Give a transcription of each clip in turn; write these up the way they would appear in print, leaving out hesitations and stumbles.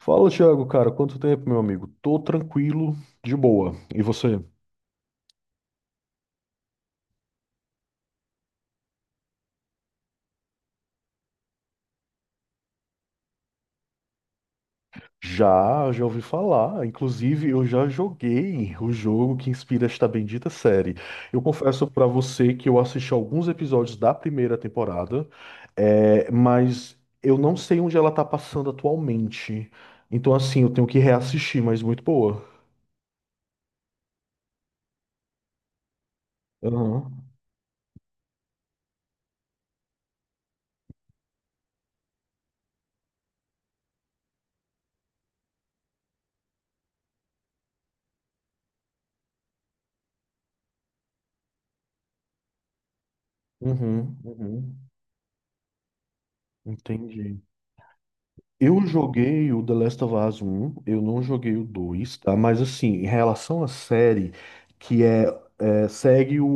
Fala, Thiago, cara, quanto tempo, meu amigo? Tô tranquilo, de boa. E você? Já, já ouvi falar. Inclusive, eu já joguei o jogo que inspira esta bendita série. Eu confesso pra você que eu assisti alguns episódios da primeira temporada, mas eu não sei onde ela tá passando atualmente. Então, assim, eu tenho que reassistir, mas muito boa. Aham. Uhum, uhum. Entendi. Eu joguei o The Last of Us 1, eu não joguei o 2, tá? Mas assim, em relação à série, que é, segue o,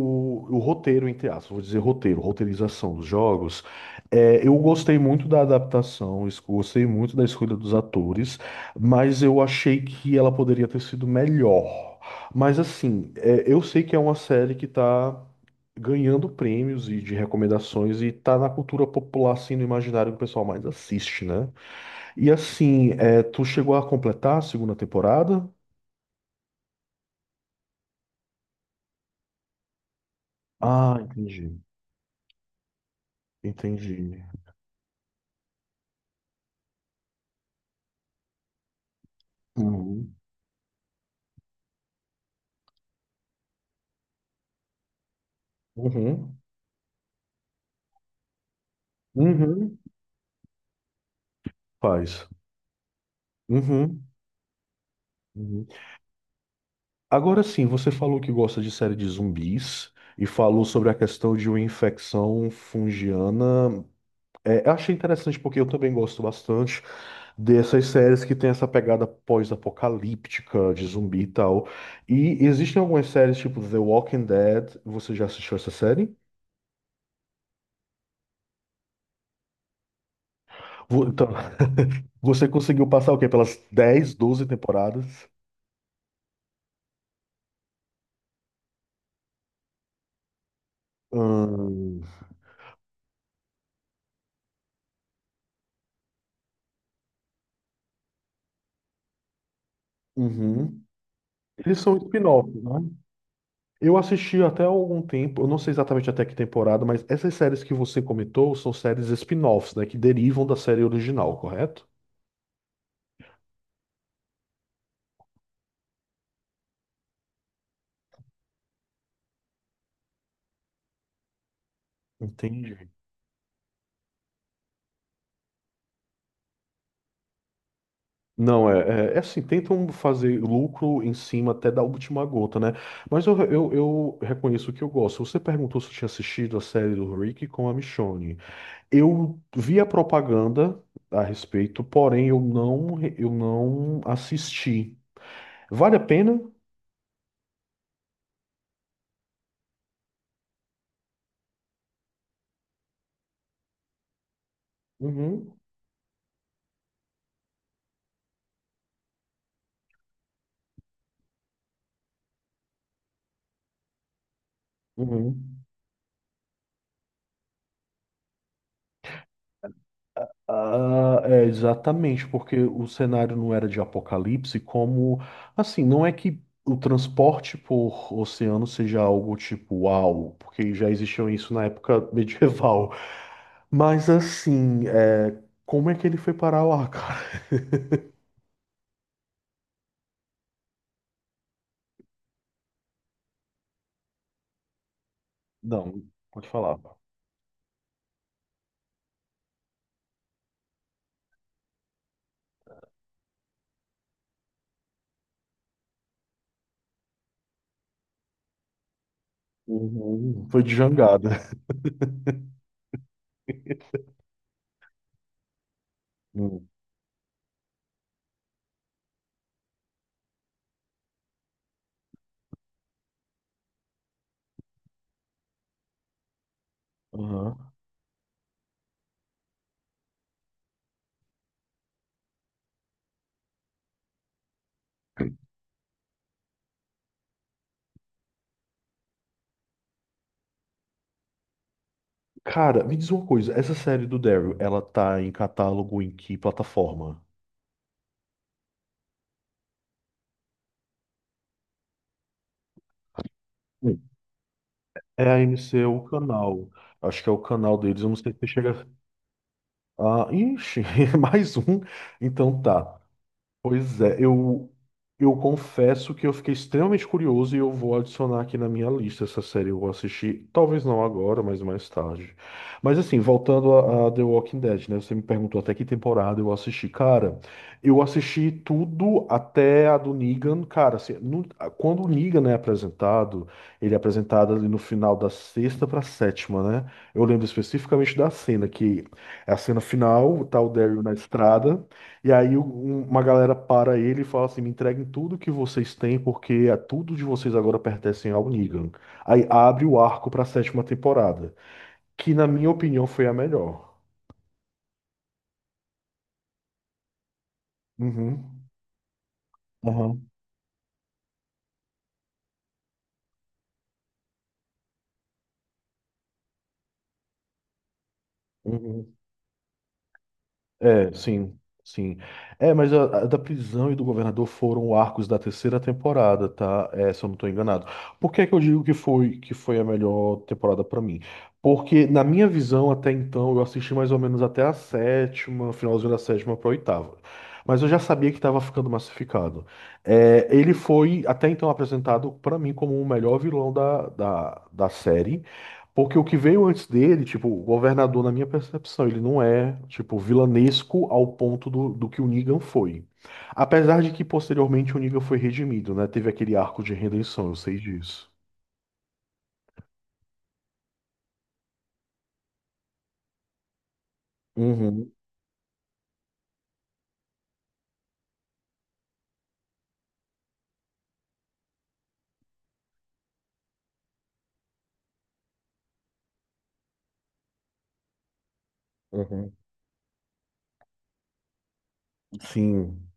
o roteiro, entre aspas, vou dizer roteiro, roteirização dos jogos, eu gostei muito da adaptação, gostei muito da escolha dos atores, mas eu achei que ela poderia ter sido melhor. Mas assim, é, eu sei que é uma série que tá ganhando prêmios e de recomendações e tá na cultura popular, assim, no imaginário que o pessoal mais assiste, né? E assim, tu chegou a completar a segunda temporada? Ah, entendi. Entendi. Uhum. Uhum. Uhum. Faz. Uhum. Uhum. Agora sim, você falou que gosta de série de zumbis e falou sobre a questão de uma infecção fungiana. É, eu achei interessante porque eu também gosto bastante dessas séries que tem essa pegada pós-apocalíptica de zumbi e tal. E existem algumas séries tipo The Walking Dead. Você já assistiu essa série? Então, você conseguiu passar o quê? Pelas 10, 12 temporadas? Hum, uhum. Eles são spin-off, né? Eu assisti até algum tempo, eu não sei exatamente até que temporada, mas essas séries que você comentou são séries spin-offs, né? Que derivam da série original, correto? Entendi. Não, é, assim, tentam fazer lucro em cima até da última gota, né? Mas eu reconheço que eu gosto. Você perguntou se eu tinha assistido a série do Rick com a Michonne. Eu vi a propaganda a respeito, porém eu não assisti. Vale a pena? Uhum, uhum. Ah, é, exatamente, porque o cenário não era de apocalipse, como assim, não é que o transporte por oceano seja algo tipo uau, porque já existiam isso na época medieval. Mas assim, como é que ele foi parar lá, cara? Não, pode falar. Uhum. Foi de jangada. Hum. Aham. Cara, me diz uma coisa, essa série do Daryl, ela tá em catálogo em que plataforma? Hum. É a AMC, o canal. Acho que é o canal deles, eu não sei se chega. Ah, ixi, mais um. Então tá. Pois é, eu confesso que eu fiquei extremamente curioso e eu vou adicionar aqui na minha lista essa série. Eu vou assistir, talvez não agora, mas mais tarde. Mas assim, voltando a The Walking Dead, né? Você me perguntou até que temporada eu assisti. Cara, eu assisti tudo até a do Negan. Cara, assim, quando o Negan é apresentado, ele é apresentado ali no final da sexta pra sétima, né? Eu lembro especificamente da cena, que é a cena final, tá o Daryl na estrada. E aí uma galera para ele e fala assim: me entreguem tudo que vocês têm, porque a tudo de vocês agora pertencem ao Negan. Aí abre o arco para a sétima temporada, que na minha opinião foi a melhor. Uhum, aham. Uhum. É, sim, sim. É, mas a da prisão e do governador foram arcos da terceira temporada, tá? É, se eu não tô enganado. Por que é que eu digo que foi a melhor temporada pra mim? Porque, na minha visão, até então, eu assisti mais ou menos até a sétima, finalzinho da sétima pra oitava. Mas eu já sabia que tava ficando massificado. É, ele foi, até então, apresentado pra mim como o melhor vilão da série. Porque o que veio antes dele, tipo, o governador, na minha percepção, ele não é, tipo, vilanesco ao ponto do que o Negan foi. Apesar de que posteriormente o Negan foi redimido, né? Teve aquele arco de redenção, eu sei disso. Uhum, uhum. Sim.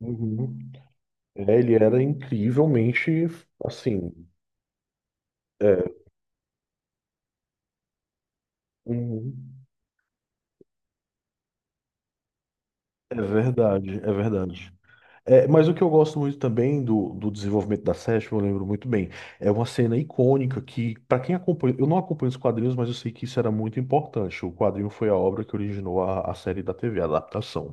Uhum. É, ele era incrivelmente, assim, é, uhum. É verdade, é verdade. É, mas o que eu gosto muito também do desenvolvimento da Session, eu lembro muito bem, é uma cena icônica que, para quem acompanha, eu não acompanho os quadrinhos, mas eu sei que isso era muito importante. O quadrinho foi a obra que originou a série da TV, a adaptação.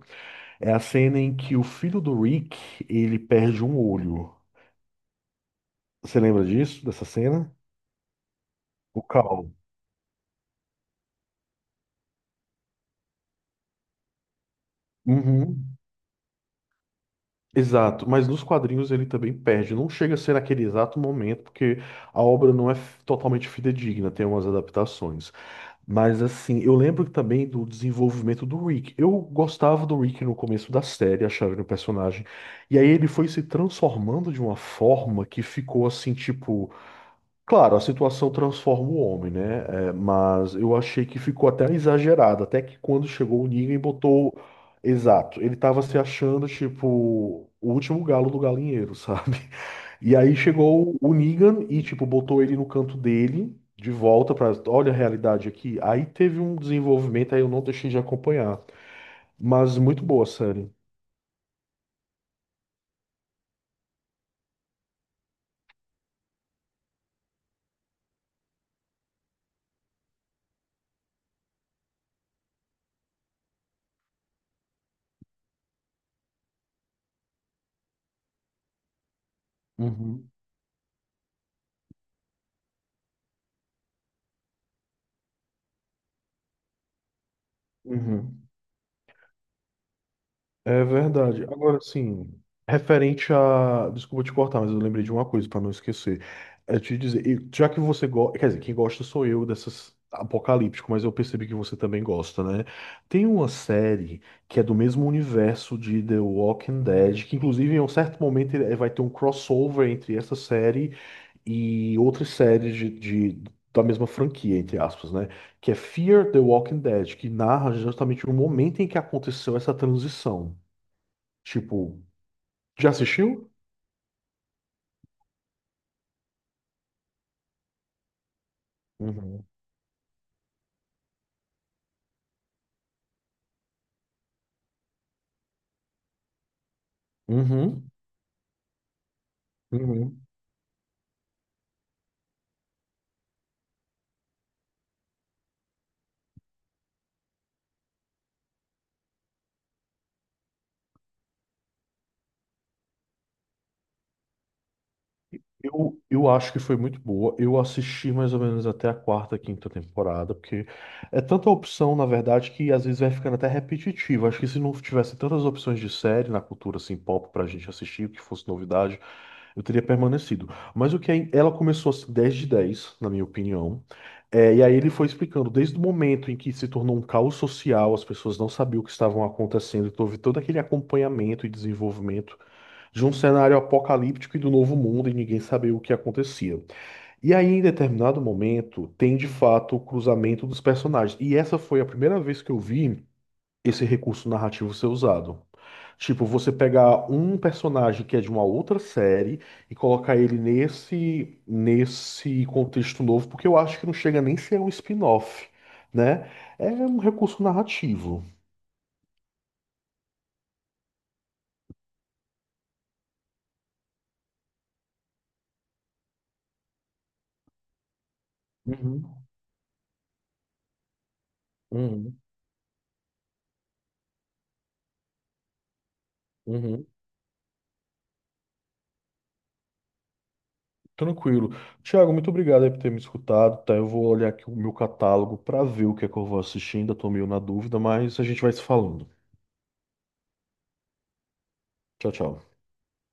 É a cena em que o filho do Rick, ele perde um olho. Você lembra disso, dessa cena? O Cal. Uhum. Exato, mas nos quadrinhos ele também perde. Não chega a ser naquele exato momento, porque a obra não é totalmente fidedigna, tem umas adaptações. Mas assim, eu lembro também do desenvolvimento do Rick. Eu gostava do Rick no começo da série, achava ele um personagem. E aí ele foi se transformando de uma forma que ficou assim, tipo. Claro, a situação transforma o homem, né? É, mas eu achei que ficou até exagerado. Até que quando chegou o Negan e botou. Exato, ele tava se achando, tipo, o último galo do galinheiro, sabe? E aí chegou o Negan e, tipo, botou ele no canto dele, de volta pra. Olha a realidade aqui. Aí teve um desenvolvimento, aí eu não deixei de acompanhar. Mas muito boa a série. Uhum, uhum. É verdade. Agora, assim, referente a. Desculpa te cortar, mas eu lembrei de uma coisa para não esquecer. É te dizer, e já que você gosta. Quer dizer, quem gosta sou eu dessas apocalíptico, mas eu percebi que você também gosta, né? Tem uma série que é do mesmo universo de The Walking Dead, que inclusive em um certo momento vai ter um crossover entre essa série e outras séries de- da mesma franquia, entre aspas, né? Que é Fear the Walking Dead, que narra justamente o momento em que aconteceu essa transição. Tipo, já assistiu? Uhum. Uhum. Uhum. Eu acho que foi muito boa. Eu assisti mais ou menos até a quarta, quinta temporada, porque é tanta opção, na verdade, que às vezes vai ficando até repetitivo. Acho que se não tivesse tantas opções de série na cultura assim, pop pra gente assistir, que fosse novidade, eu teria permanecido. Mas o que é, ela começou a ser 10 de 10, na minha opinião. É, e aí ele foi explicando, desde o momento em que se tornou um caos social, as pessoas não sabiam o que estavam acontecendo, então houve todo aquele acompanhamento e desenvolvimento de um cenário apocalíptico e do novo mundo e ninguém sabia o que acontecia. E aí, em determinado momento, tem de fato o cruzamento dos personagens. E essa foi a primeira vez que eu vi esse recurso narrativo ser usado. Tipo, você pegar um personagem que é de uma outra série e colocar ele nesse contexto novo, porque eu acho que não chega nem a ser um spin-off, né? É um recurso narrativo. Uhum, uhum, uhum. Tranquilo. Tiago, muito obrigado aí por ter me escutado, tá? Eu vou olhar aqui o meu catálogo para ver o que é que eu vou assistir, ainda tô meio na dúvida, mas a gente vai se falando. Tchau, tchau.